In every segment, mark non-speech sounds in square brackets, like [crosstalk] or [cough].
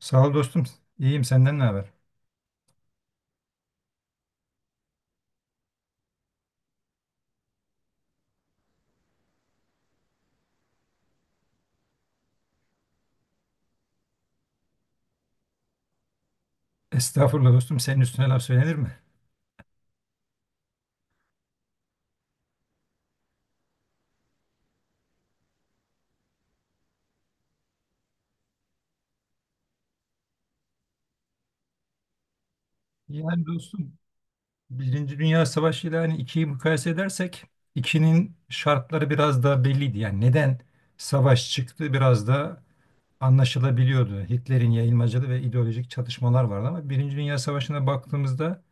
Sağ ol dostum. İyiyim, senden ne haber? Estağfurullah dostum. Senin üstüne laf söylenir mi? Yani dostum, Birinci Dünya Savaşı ile hani ikiyi mukayese edersek ikinin şartları biraz daha belliydi. Yani neden savaş çıktı biraz da anlaşılabiliyordu. Hitler'in yayılmacılığı ve ideolojik çatışmalar vardı ama Birinci Dünya Savaşı'na baktığımızda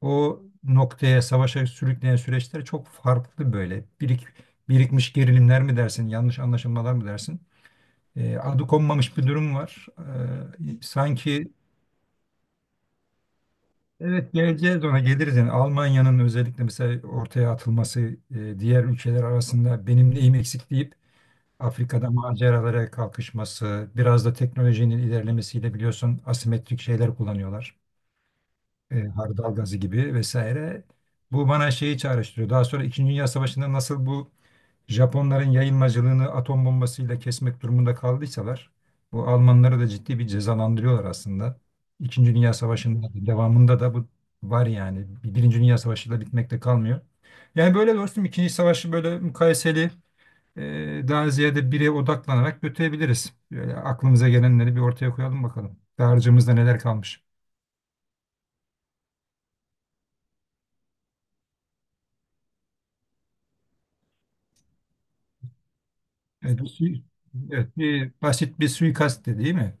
o noktaya savaşa sürükleyen süreçler çok farklı böyle. Birikmiş gerilimler mi dersin, yanlış anlaşılmalar mı dersin? Adı konmamış bir durum var. E, sanki Evet, geleceğiz ona geliriz. Yani Almanya'nın özellikle mesela ortaya atılması, diğer ülkeler arasında benim neyim eksik deyip Afrika'da maceralara kalkışması, biraz da teknolojinin ilerlemesiyle biliyorsun asimetrik şeyler kullanıyorlar. Hardal gazı gibi vesaire. Bu bana şeyi çağrıştırıyor. Daha sonra İkinci Dünya Savaşı'nda nasıl bu Japonların yayılmacılığını atom bombasıyla kesmek durumunda kaldıysalar, bu Almanları da ciddi bir cezalandırıyorlar aslında. İkinci Dünya Savaşı'nın devamında da bu var yani. Birinci Dünya Savaşı'yla bitmekte kalmıyor. Yani böyle dostum, İkinci Savaşı böyle mukayeseli, daha ziyade bire odaklanarak götürebiliriz. Böyle aklımıza gelenleri bir ortaya koyalım bakalım. Dağarcığımızda neler kalmış. Evet, evet, bir basit bir suikast değil mi?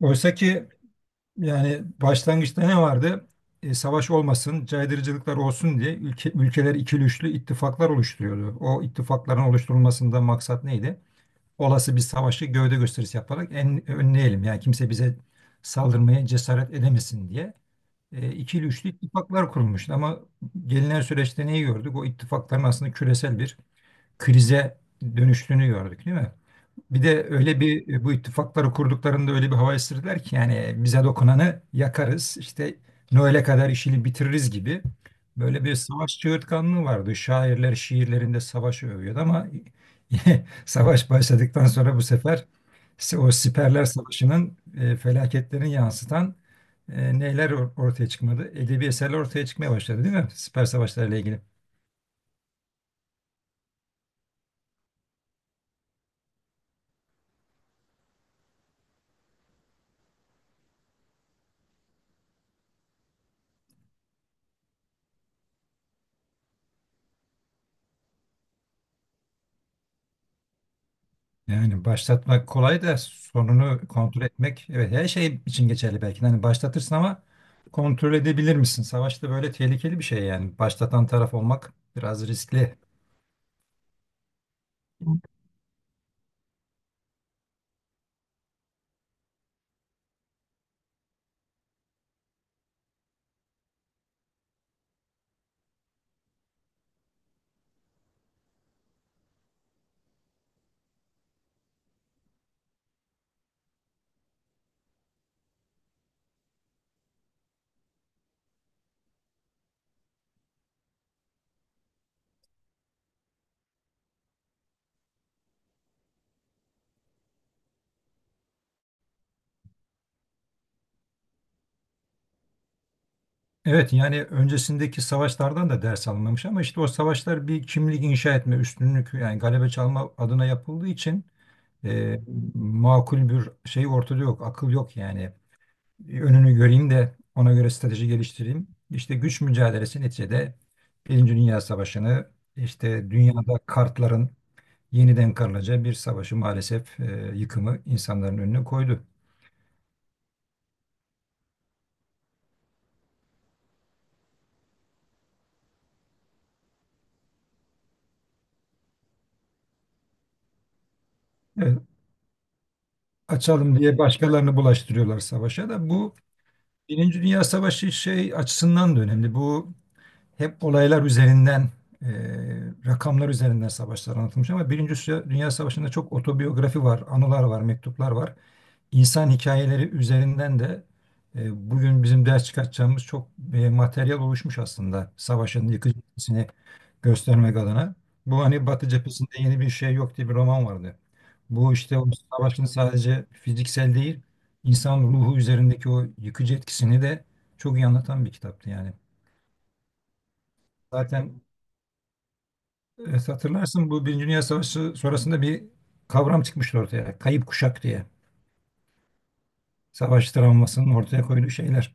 Oysa ki Yani başlangıçta ne vardı? Savaş olmasın, caydırıcılıklar olsun diye ülke, ülkeler ikili üçlü ittifaklar oluşturuyordu. O ittifakların oluşturulmasında maksat neydi? Olası bir savaşı gövde gösterisi yaparak önleyelim. Yani kimse bize saldırmaya cesaret edemesin diye. İkili üçlü ittifaklar kurulmuştu. Ama gelinen süreçte neyi gördük? O ittifakların aslında küresel bir krize dönüştüğünü gördük, değil mi? Bir de bu ittifakları kurduklarında öyle bir hava estirdiler ki, yani bize dokunanı yakarız işte, Noel'e kadar işini bitiririz gibi böyle bir savaş çığırtkanlığı vardı. Şairler şiirlerinde savaşı övüyordu ama [laughs] savaş başladıktan sonra bu sefer o siperler savaşının felaketlerini yansıtan neler ortaya çıkmadı? Edebi eserler ortaya çıkmaya başladı değil mi? Siper savaşlarıyla ilgili. Yani başlatmak kolay da sonunu kontrol etmek, evet, her şey için geçerli belki de. Hani başlatırsın ama kontrol edebilir misin? Savaşta böyle tehlikeli bir şey yani. Başlatan taraf olmak biraz riskli. Evet, yani öncesindeki savaşlardan da ders alınmamış ama işte o savaşlar bir kimlik inşa etme, üstünlük yani galebe çalma adına yapıldığı için, e, makul bir şey ortada yok, akıl yok yani. Bir önünü göreyim de ona göre strateji geliştireyim. İşte güç mücadelesi neticede Birinci Dünya Savaşı'nı işte dünyada kartların yeniden karılacağı bir savaşı maalesef, yıkımı insanların önüne koydu. Evet, açalım diye başkalarını bulaştırıyorlar savaşa da. Bu Birinci Dünya Savaşı şey açısından da önemli. Bu hep olaylar üzerinden, e, rakamlar üzerinden savaşlar anlatılmış ama Birinci Dünya Savaşı'nda çok otobiyografi var, anılar var, mektuplar var. İnsan hikayeleri üzerinden de bugün bizim ders çıkartacağımız çok materyal oluşmuş aslında savaşın yıkıcı etkisini göstermek adına. Bu hani "Batı cephesinde yeni bir şey yok" diye bir roman vardı. Bu işte o savaşın sadece fiziksel değil, insan ruhu üzerindeki o yıkıcı etkisini de çok iyi anlatan bir kitaptı yani. Zaten Evet, hatırlarsın, bu Birinci Dünya Savaşı sonrasında bir kavram çıkmıştı ortaya. Kayıp kuşak diye. Savaş travmasının ortaya koyduğu şeyler.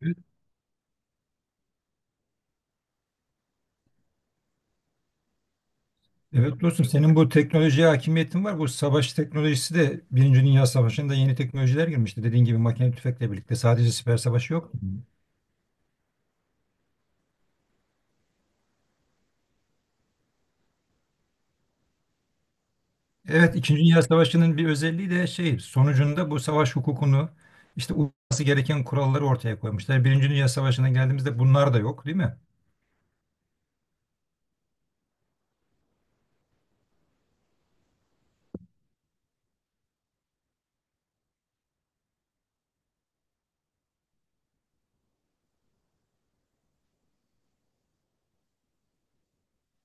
Evet, evet dostum, senin bu teknolojiye hakimiyetin var. Bu savaş teknolojisi de Birinci Dünya Savaşı'nda yeni teknolojiler girmişti. Dediğin gibi makine tüfekle birlikte sadece siper savaşı yok. Evet, İkinci Dünya Savaşı'nın bir özelliği de sonucunda bu savaş hukukunu, işte uyması gereken kuralları ortaya koymuşlar. Birinci Dünya Savaşı'na geldiğimizde bunlar da yok, değil mi?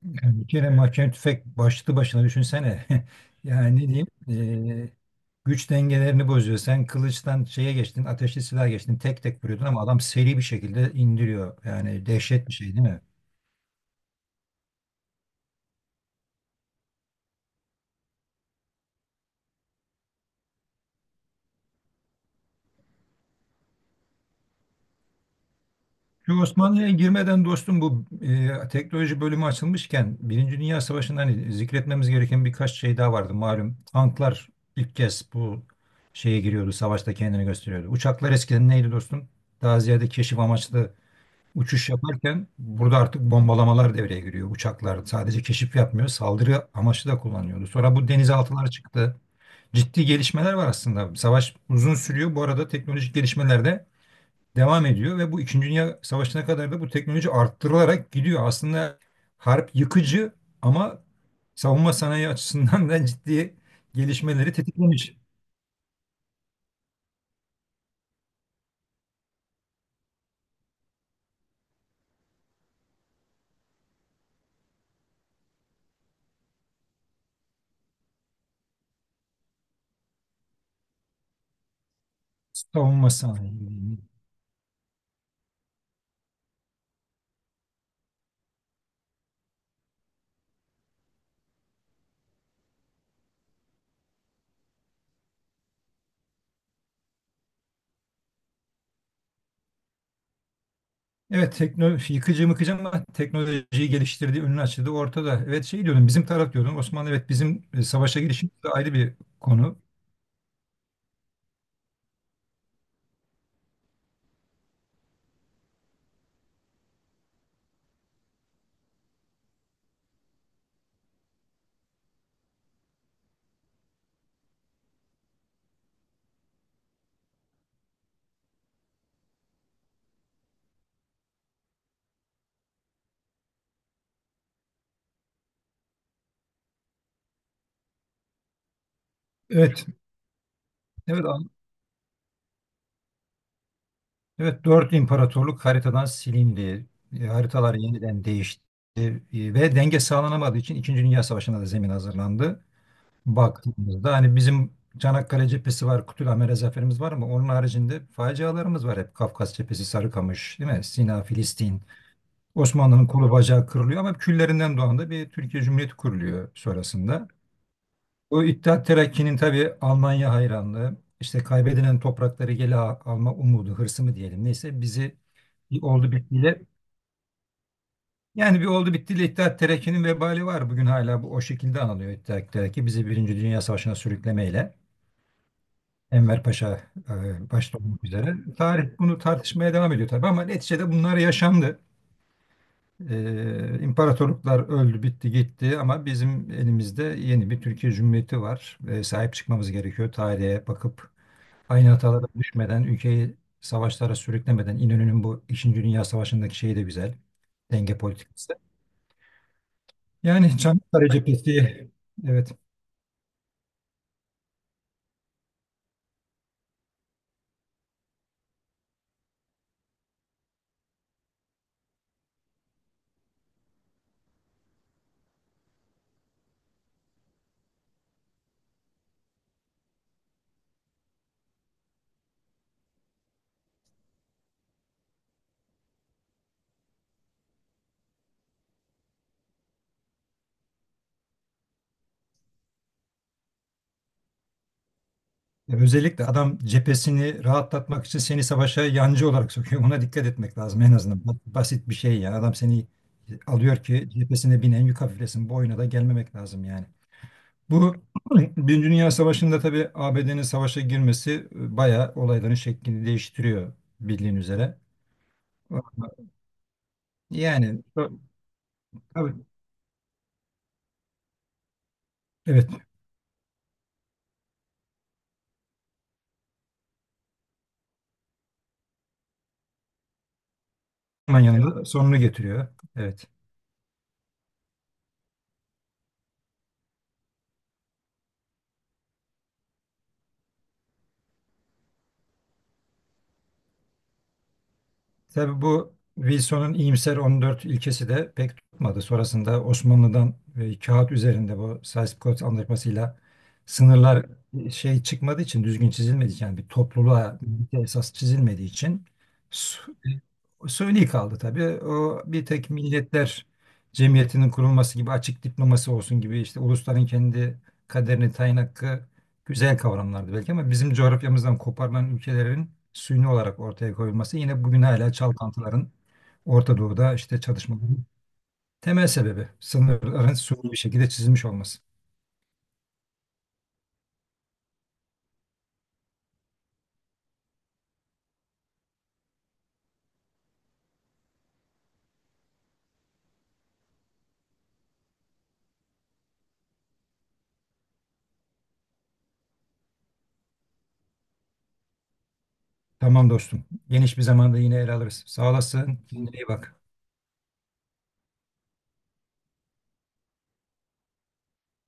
Yani bir kere mahkeme tüfek başlı başına düşünsene. [laughs] Yani ne diyeyim, güç dengelerini bozuyor. Sen kılıçtan şeye geçtin, ateşli silah geçtin, tek tek vuruyordun ama adam seri bir şekilde indiriyor. Yani dehşet bir şey, değil mi? Şu Osmanlı'ya girmeden dostum, bu teknoloji bölümü açılmışken Birinci Dünya Savaşı'nda hani zikretmemiz gereken birkaç şey daha vardı. Malum tanklar ilk kez bu şeye giriyordu, savaşta kendini gösteriyordu. Uçaklar eskiden neydi dostum? Daha ziyade keşif amaçlı uçuş yaparken burada artık bombalamalar devreye giriyor. Uçaklar sadece keşif yapmıyor, saldırı amaçlı da kullanıyordu. Sonra bu denizaltılar çıktı. Ciddi gelişmeler var aslında. Savaş uzun sürüyor. Bu arada teknolojik gelişmeler de devam ediyor ve bu İkinci Dünya Savaşı'na kadar da bu teknoloji arttırılarak gidiyor. Aslında harp yıkıcı ama savunma sanayi açısından da ciddi gelişmeleri tetiklemiş, savunma sanayi. Evet, teknoloji yıkıcı mıkıcı ama teknolojiyi geliştirdiği, önünü açtığı ortada. Evet, şey diyordum, bizim taraf diyordum, Osmanlı, evet, bizim savaşa girişimiz de ayrı bir konu. Evet. Evet, evet, dört imparatorluk haritadan silindi. Haritalar yeniden değişti. E, Ve denge sağlanamadığı için İkinci Dünya Savaşı'na da zemin hazırlandı. Baktığımızda hani bizim Çanakkale cephesi var, Kütülhamere zaferimiz var ama onun haricinde facialarımız var hep. Kafkas cephesi, Sarıkamış, değil mi? Sina, Filistin. Osmanlı'nın kolu bacağı kırılıyor ama küllerinden doğan da bir Türkiye Cumhuriyeti kuruluyor sonrasında. O İttihat Terakki'nin tabii Almanya hayranlığı, işte kaybedilen toprakları alma umudu, hırsı mı diyelim, neyse, bizi bir oldu bittiyle. Yani bir oldu bittiyle İttihat Terakki'nin vebali var. Bugün hala bu o şekilde anılıyor İttihat Terakki. Bizi Birinci Dünya Savaşı'na sürüklemeyle. Enver Paşa başta olmak üzere. Tarih bunu tartışmaya devam ediyor tabii ama neticede bunlar yaşandı. İmparatorluklar öldü, bitti, gitti ama bizim elimizde yeni bir Türkiye Cumhuriyeti var ve sahip çıkmamız gerekiyor. Tarihe bakıp aynı hatalara düşmeden, ülkeyi savaşlara sürüklemeden, İnönü'nün bu İkinci Dünya Savaşı'ndaki şeyi de güzel. Denge politikası. Yani Çanakkale cephesi. Evet, özellikle adam cephesini rahatlatmak için seni savaşa yancı olarak sokuyor. Buna dikkat etmek lazım en azından. Bu basit bir şey yani. Adam seni alıyor ki cephesine binen yük hafiflesin. Bu oyuna da gelmemek lazım yani. Bu [clears throat] Birinci Dünya Savaşı'nda tabii ABD'nin savaşa girmesi bayağı olayların şeklini değiştiriyor, bildiğin üzere. Yani tabii, evet, Almanya'nın da sonunu getiriyor. Evet. Tabii bu Wilson'un iyimser 14 ilkesi de pek tutmadı. Sonrasında Osmanlı'dan kağıt üzerinde bu Sykes-Picot Antlaşması'yla sınırlar, şey çıkmadığı için, düzgün çizilmediği için, yani bir topluluğa birlikte esas çizilmediği için su- suni kaldı tabii. O bir tek milletler cemiyetinin kurulması gibi, açık diplomasi olsun gibi, işte ulusların kendi kaderini tayin hakkı, güzel kavramlardı belki ama bizim coğrafyamızdan koparılan ülkelerin suyunu olarak ortaya koyulması yine bugün hala çalkantıların Orta Doğu'da işte çalışmaların temel sebebi. Sınırların suni bir şekilde çizilmiş olması. Tamam dostum. Geniş bir zamanda yine ele alırız. Sağ olasın. Kendine iyi bak.